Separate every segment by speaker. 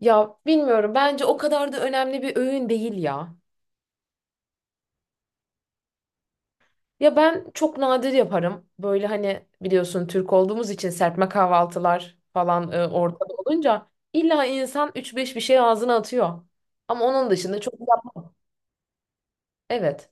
Speaker 1: Ya bilmiyorum, bence o kadar da önemli bir öğün değil ya. Ya ben çok nadir yaparım. Böyle hani biliyorsun Türk olduğumuz için serpme kahvaltılar falan ortada olunca illa insan üç beş bir şey ağzına atıyor. Ama onun dışında çok yapmam. Evet.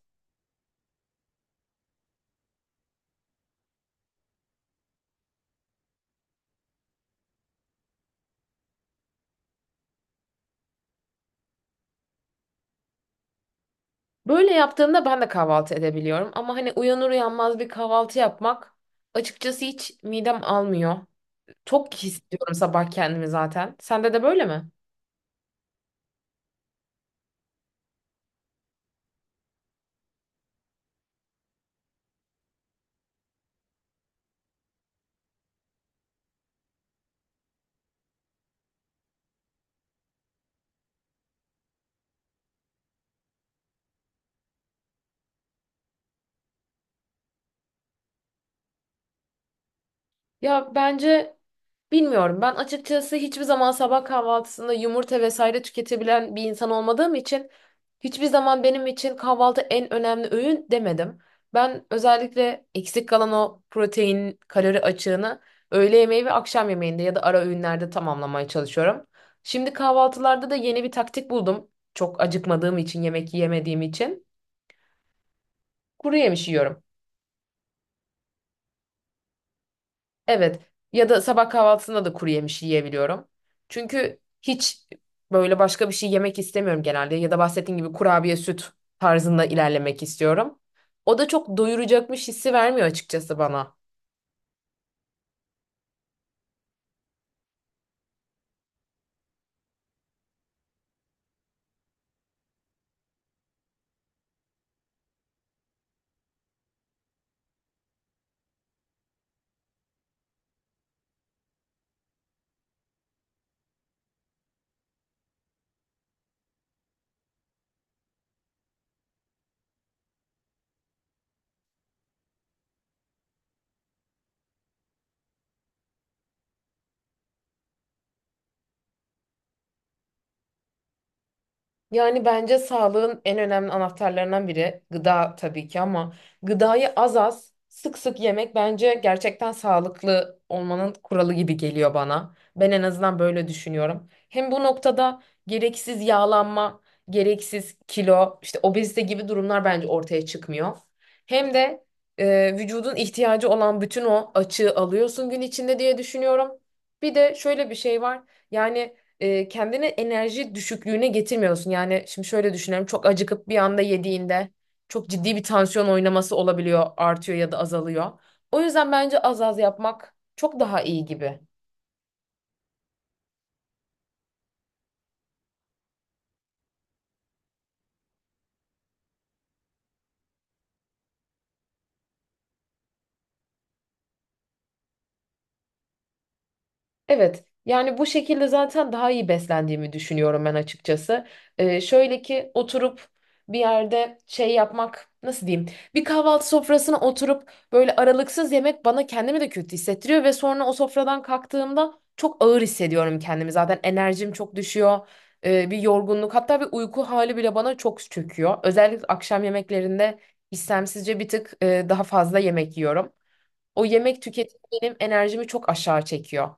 Speaker 1: Böyle yaptığımda ben de kahvaltı edebiliyorum ama hani uyanır uyanmaz bir kahvaltı yapmak açıkçası hiç midem almıyor. Çok hissediyorum sabah kendimi zaten. Sende de böyle mi? Ya bence bilmiyorum. Ben açıkçası hiçbir zaman sabah kahvaltısında yumurta vesaire tüketebilen bir insan olmadığım için hiçbir zaman benim için kahvaltı en önemli öğün demedim. Ben özellikle eksik kalan o protein, kalori açığını öğle yemeği ve akşam yemeğinde ya da ara öğünlerde tamamlamaya çalışıyorum. Şimdi kahvaltılarda da yeni bir taktik buldum. Çok acıkmadığım için, yemek yemediğim için kuru yemiş yiyorum. Evet. Ya da sabah kahvaltısında da kuru yemiş yiyebiliyorum. Çünkü hiç böyle başka bir şey yemek istemiyorum genelde. Ya da bahsettiğim gibi kurabiye, süt tarzında ilerlemek istiyorum. O da çok doyuracakmış hissi vermiyor açıkçası bana. Yani bence sağlığın en önemli anahtarlarından biri gıda tabii ki, ama gıdayı az az sık sık yemek bence gerçekten sağlıklı olmanın kuralı gibi geliyor bana. Ben en azından böyle düşünüyorum. Hem bu noktada gereksiz yağlanma, gereksiz kilo, işte obezite gibi durumlar bence ortaya çıkmıyor. Hem de vücudun ihtiyacı olan bütün o açığı alıyorsun gün içinde diye düşünüyorum. Bir de şöyle bir şey var. Yani kendini enerji düşüklüğüne getirmiyorsun. Yani şimdi şöyle düşünüyorum. Çok acıkıp bir anda yediğinde çok ciddi bir tansiyon oynaması olabiliyor, artıyor ya da azalıyor. O yüzden bence az az yapmak çok daha iyi gibi. Evet. Yani bu şekilde zaten daha iyi beslendiğimi düşünüyorum ben açıkçası. Şöyle ki oturup bir yerde şey yapmak nasıl diyeyim? Bir kahvaltı sofrasına oturup böyle aralıksız yemek bana kendimi de kötü hissettiriyor ve sonra o sofradan kalktığımda çok ağır hissediyorum kendimi. Zaten enerjim çok düşüyor. Bir yorgunluk, hatta bir uyku hali bile bana çok çöküyor. Özellikle akşam yemeklerinde istemsizce bir tık daha fazla yemek yiyorum. O yemek tüketimi benim enerjimi çok aşağı çekiyor.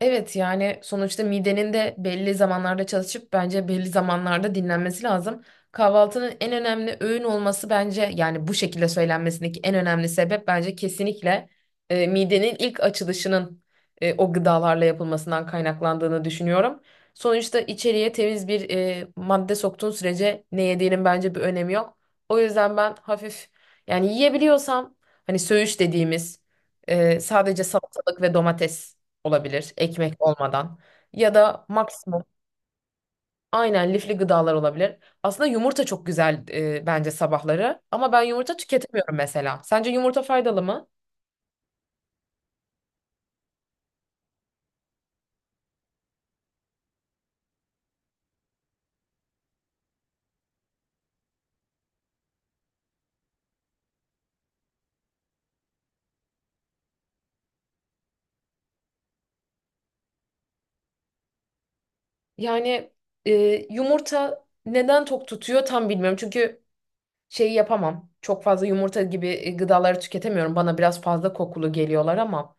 Speaker 1: Evet, yani sonuçta midenin de belli zamanlarda çalışıp bence belli zamanlarda dinlenmesi lazım. Kahvaltının en önemli öğün olması bence, yani bu şekilde söylenmesindeki en önemli sebep bence kesinlikle midenin ilk açılışının o gıdalarla yapılmasından kaynaklandığını düşünüyorum. Sonuçta içeriye temiz bir madde soktuğun sürece ne yediğinin bence bir önemi yok. O yüzden ben hafif, yani yiyebiliyorsam, hani söğüş dediğimiz sadece salatalık ve domates olabilir, ekmek olmadan, ya da maksimum, aynen, lifli gıdalar olabilir. Aslında yumurta çok güzel bence sabahları, ama ben yumurta tüketemiyorum mesela. Sence yumurta faydalı mı? Yani e, yumurta neden tok tutuyor tam bilmiyorum. Çünkü şeyi yapamam. Çok fazla yumurta gibi gıdaları tüketemiyorum. Bana biraz fazla kokulu geliyorlar ama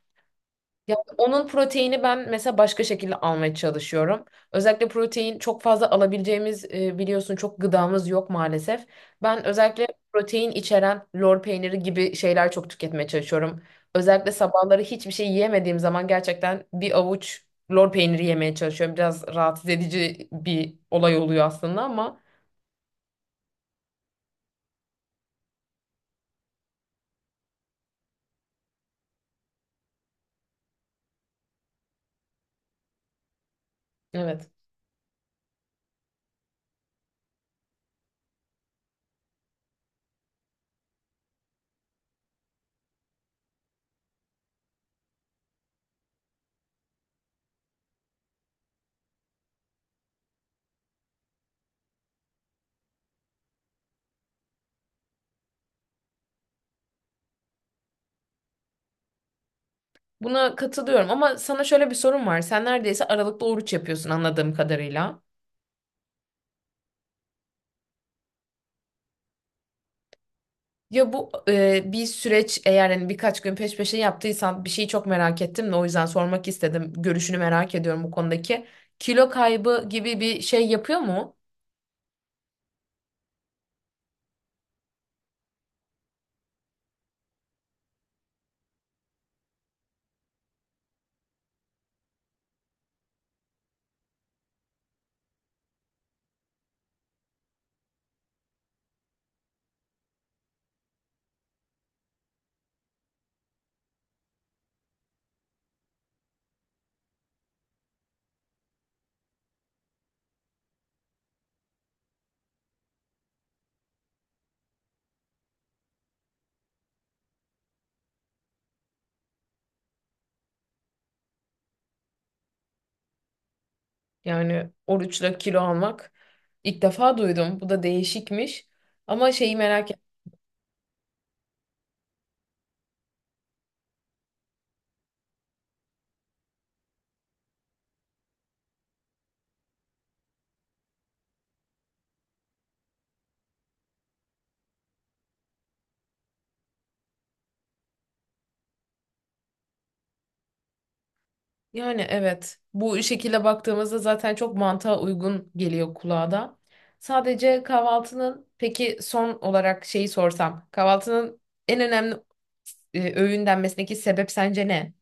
Speaker 1: ya, onun proteini ben mesela başka şekilde almaya çalışıyorum. Özellikle protein çok fazla alabileceğimiz biliyorsun çok gıdamız yok maalesef. Ben özellikle protein içeren lor peyniri gibi şeyler çok tüketmeye çalışıyorum. Özellikle sabahları hiçbir şey yiyemediğim zaman gerçekten bir avuç lor peyniri yemeye çalışıyorum. Biraz rahatsız edici bir olay oluyor aslında ama evet. Buna katılıyorum, ama sana şöyle bir sorum var. Sen neredeyse aralıklı oruç yapıyorsun anladığım kadarıyla. Ya bu bir süreç, eğer hani birkaç gün peş peşe yaptıysan bir şeyi çok merak ettim de o yüzden sormak istedim. Görüşünü merak ediyorum bu konudaki. Kilo kaybı gibi bir şey yapıyor mu? Yani oruçla kilo almak ilk defa duydum. Bu da değişikmiş. Ama şeyi merak ettim. Yani evet, bu şekilde baktığımızda zaten çok mantığa uygun geliyor kulağa da. Sadece kahvaltının, peki son olarak şeyi sorsam. Kahvaltının en önemli öğün denmesindeki sebep sence ne?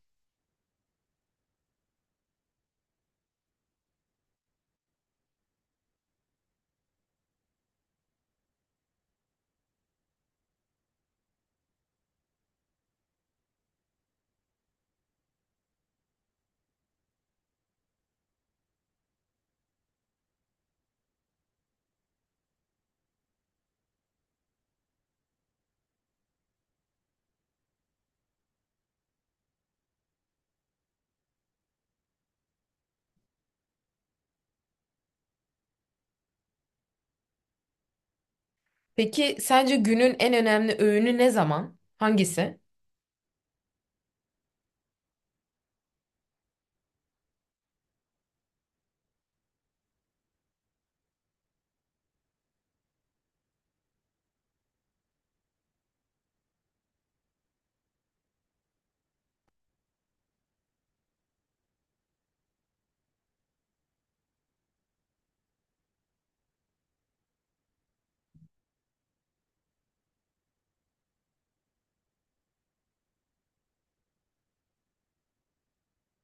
Speaker 1: Peki sence günün en önemli öğünü ne zaman? Hangisi?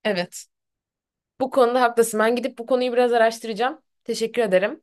Speaker 1: Evet. Bu konuda haklısın. Ben gidip bu konuyu biraz araştıracağım. Teşekkür ederim.